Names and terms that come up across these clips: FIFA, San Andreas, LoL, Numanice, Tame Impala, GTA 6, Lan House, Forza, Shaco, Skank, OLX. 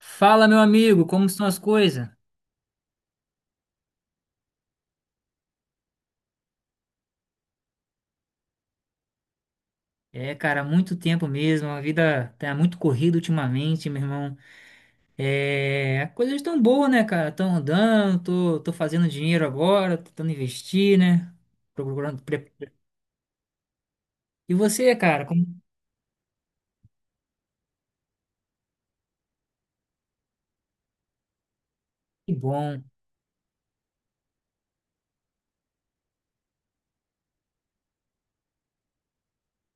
Fala, meu amigo, como estão as coisas? É, cara, muito tempo mesmo, a vida tá muito corrida ultimamente, meu irmão. É, as coisas estão boas, né, cara? Estão andando, tô fazendo dinheiro agora, tô tentando investir, né? Procurando. E você, cara, como. Que bom.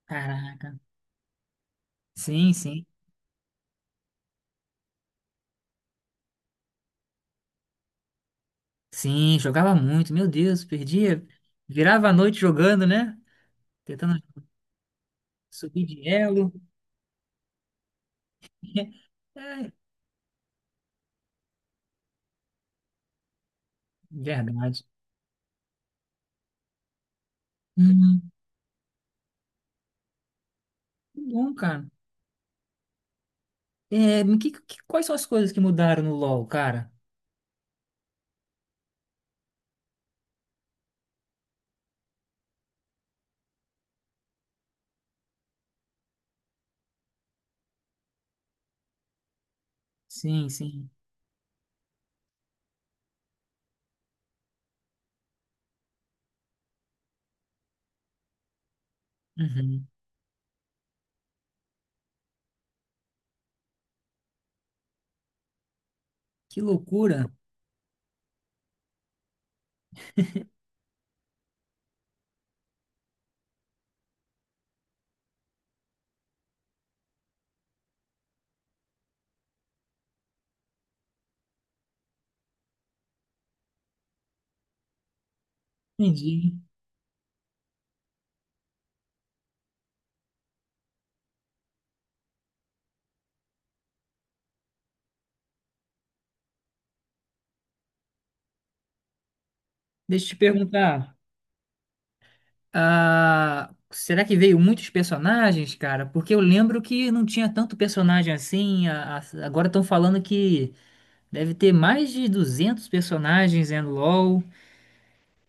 Caraca. Sim, sim. Sim, jogava muito, meu Deus, perdia. Virava a noite jogando, né? Tentando subir de elo. É, verdade. Uhum. Que bom, cara. É, quais são as coisas que mudaram no LoL, cara? Sim, sim. Uhum. Que loucura. Entendi. Deixa eu te perguntar. Ah, será que veio muitos personagens, cara? Porque eu lembro que não tinha tanto personagem assim. Agora estão falando que deve ter mais de 200 personagens, né, no LoL.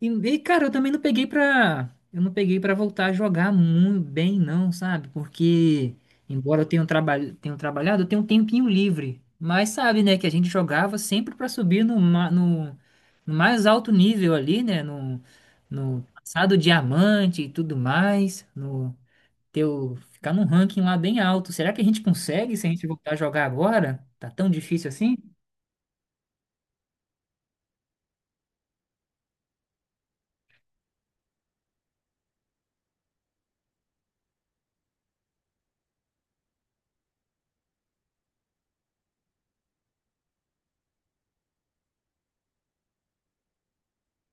E, cara, eu também não peguei pra. Eu não peguei pra voltar a jogar muito bem, não, sabe? Porque, embora eu tenha, tenha trabalhado, eu tenho um tempinho livre. Mas sabe, né, que a gente jogava sempre pra subir no mais alto nível ali, né? No, no passado diamante e tudo mais. No teu, ficar num ranking lá bem alto. Será que a gente consegue se a gente voltar a jogar agora? Tá tão difícil assim?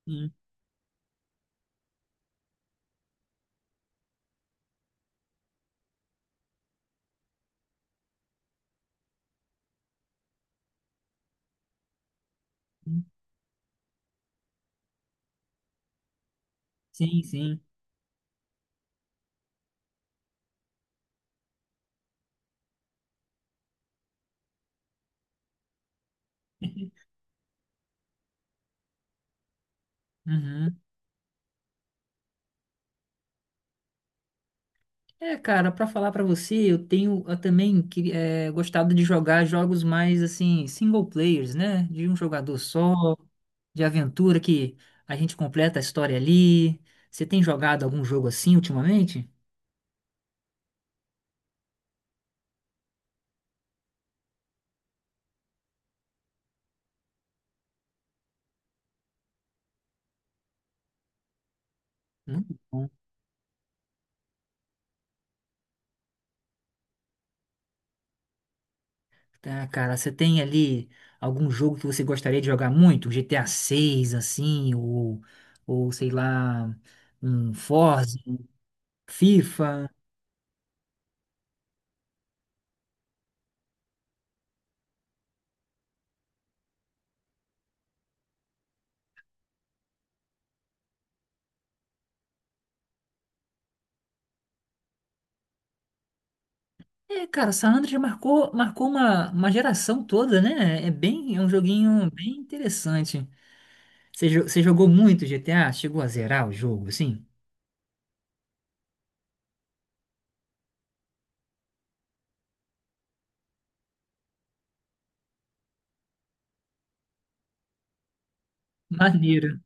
Sim, sim, sim, sim. Uhum. É, cara, pra falar pra você, eu tenho eu também gostado de jogar jogos mais assim, single players, né? De um jogador só, de aventura que a gente completa a história ali. Você tem jogado algum jogo assim ultimamente? Muito bom. Tá, cara, você tem ali algum jogo que você gostaria de jogar muito? GTA 6, assim, ou, sei lá, um Forza, FIFA? É, cara, San Andreas marcou, marcou uma geração toda, né? É um joguinho bem interessante. Você, você jogou muito GTA? Chegou a zerar o jogo, assim? Maneiro.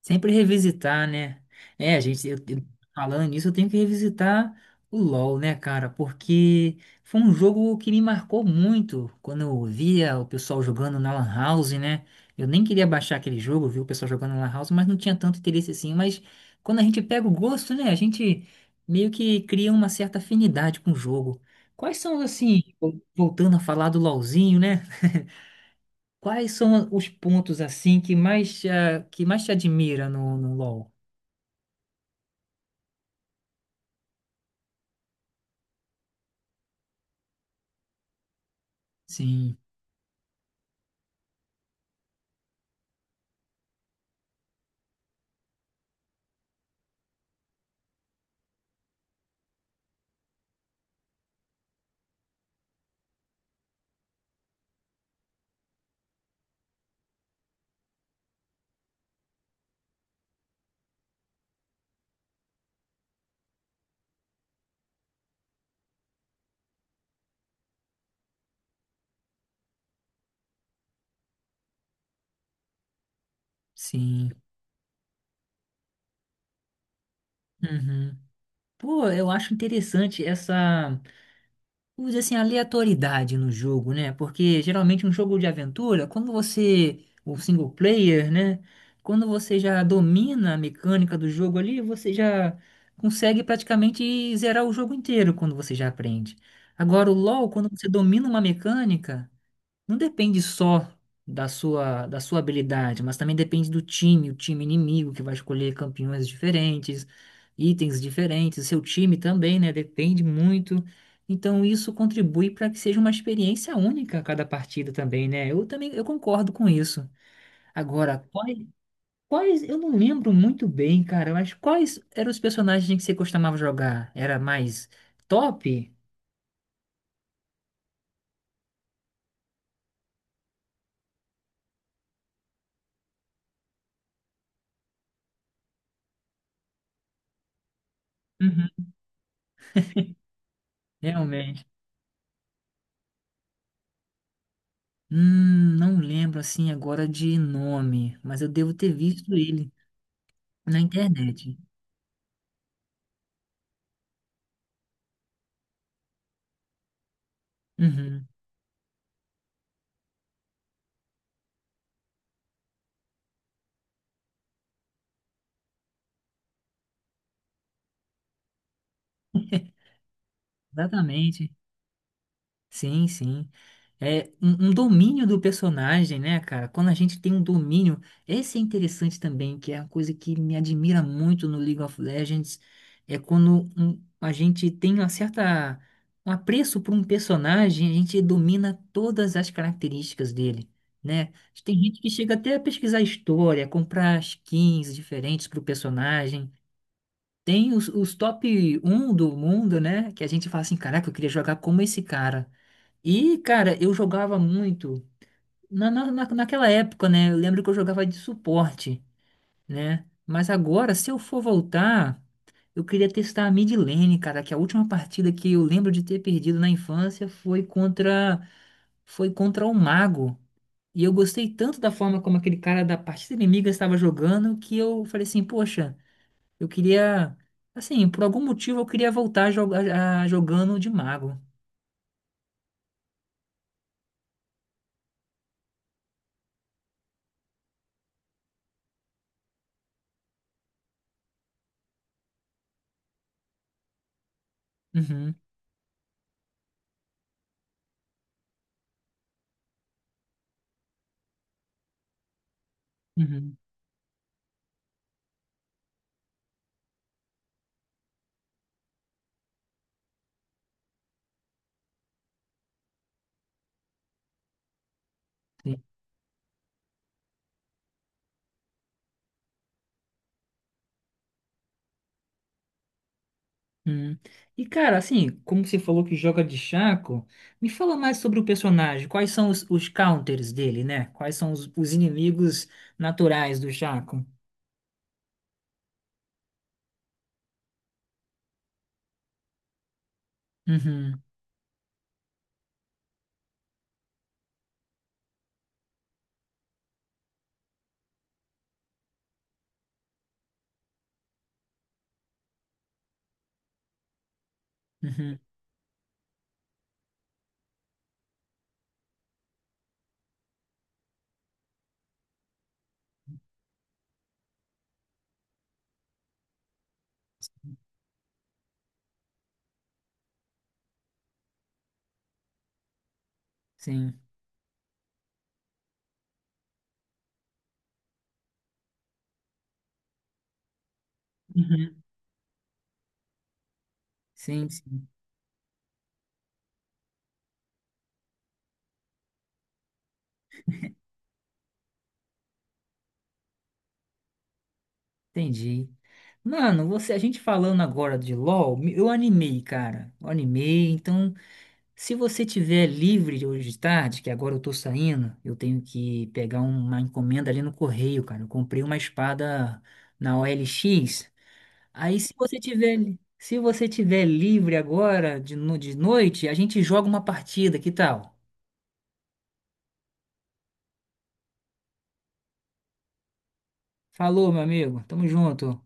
Sempre revisitar, né? É, a gente, falando nisso, eu tenho que revisitar o LoL, né, cara? Porque foi um jogo que me marcou muito quando eu via o pessoal jogando na Lan House, né? Eu nem queria baixar aquele jogo, viu o pessoal jogando na Lan House, mas não tinha tanto interesse assim. Mas quando a gente pega o gosto, né, a gente meio que cria uma certa afinidade com o jogo. Quais são, assim, voltando a falar do LoLzinho, né? Quais são os pontos, assim, que mais te admira no LoL? Sim, sim. Uhum. Pô, eu acho interessante essa, vamos dizer assim, aleatoriedade no jogo, né? Porque geralmente um jogo de aventura, quando você, o single player, né? Quando você já domina a mecânica do jogo ali, você já consegue praticamente zerar o jogo inteiro quando você já aprende. Agora, o LoL, quando você domina uma mecânica. Não depende só da sua habilidade, mas também depende do time, o time inimigo que vai escolher campeões diferentes, itens diferentes, seu time também, né? Depende muito. Então isso contribui para que seja uma experiência única a cada partida também, né? Eu também eu concordo com isso. Agora, quais eu não lembro muito bem, cara, mas quais eram os personagens que você costumava jogar? Era mais top? Uhum. Realmente. Não lembro assim agora de nome, mas eu devo ter visto ele na internet. Uhum, exatamente. Sim, sim. É um domínio do personagem, né, cara? Quando a gente tem um domínio, esse é interessante também, que é uma coisa que me admira muito no League of Legends, é quando a gente tem uma certa, um apreço por um personagem, a gente domina todas as características dele, né? Tem gente que chega até a pesquisar história, comprar skins diferentes para o personagem. Tem os top um do mundo, né? Que a gente fala assim, caraca, eu queria jogar como esse cara. E, cara, eu jogava muito naquela época, né? Eu lembro que eu jogava de suporte, né? Mas agora, se eu for voltar, eu queria testar a mid lane, cara, que a última partida que eu lembro de ter perdido na infância foi contra o mago. E eu gostei tanto da forma como aquele cara da partida inimiga estava jogando que eu falei assim, poxa, eu queria assim, por algum motivo eu queria voltar a jogar jogando de mago. Uhum, uhum, hum. E cara, assim, como você falou que joga de Shaco, me fala mais sobre o personagem. Quais são os counters dele, né? Quais são os inimigos naturais do Shaco? Uhum, uhum, sim. Uhum, sim, sim. Entendi. Mano, você, a gente falando agora de LoL, eu animei, cara. Eu animei, então. Se você tiver livre hoje de tarde, que agora eu tô saindo, eu tenho que pegar uma encomenda ali no correio, cara. Eu comprei uma espada na OLX. Aí se você tiver livre agora de, de noite, a gente joga uma partida, que tal? Falou, meu amigo. Tamo junto.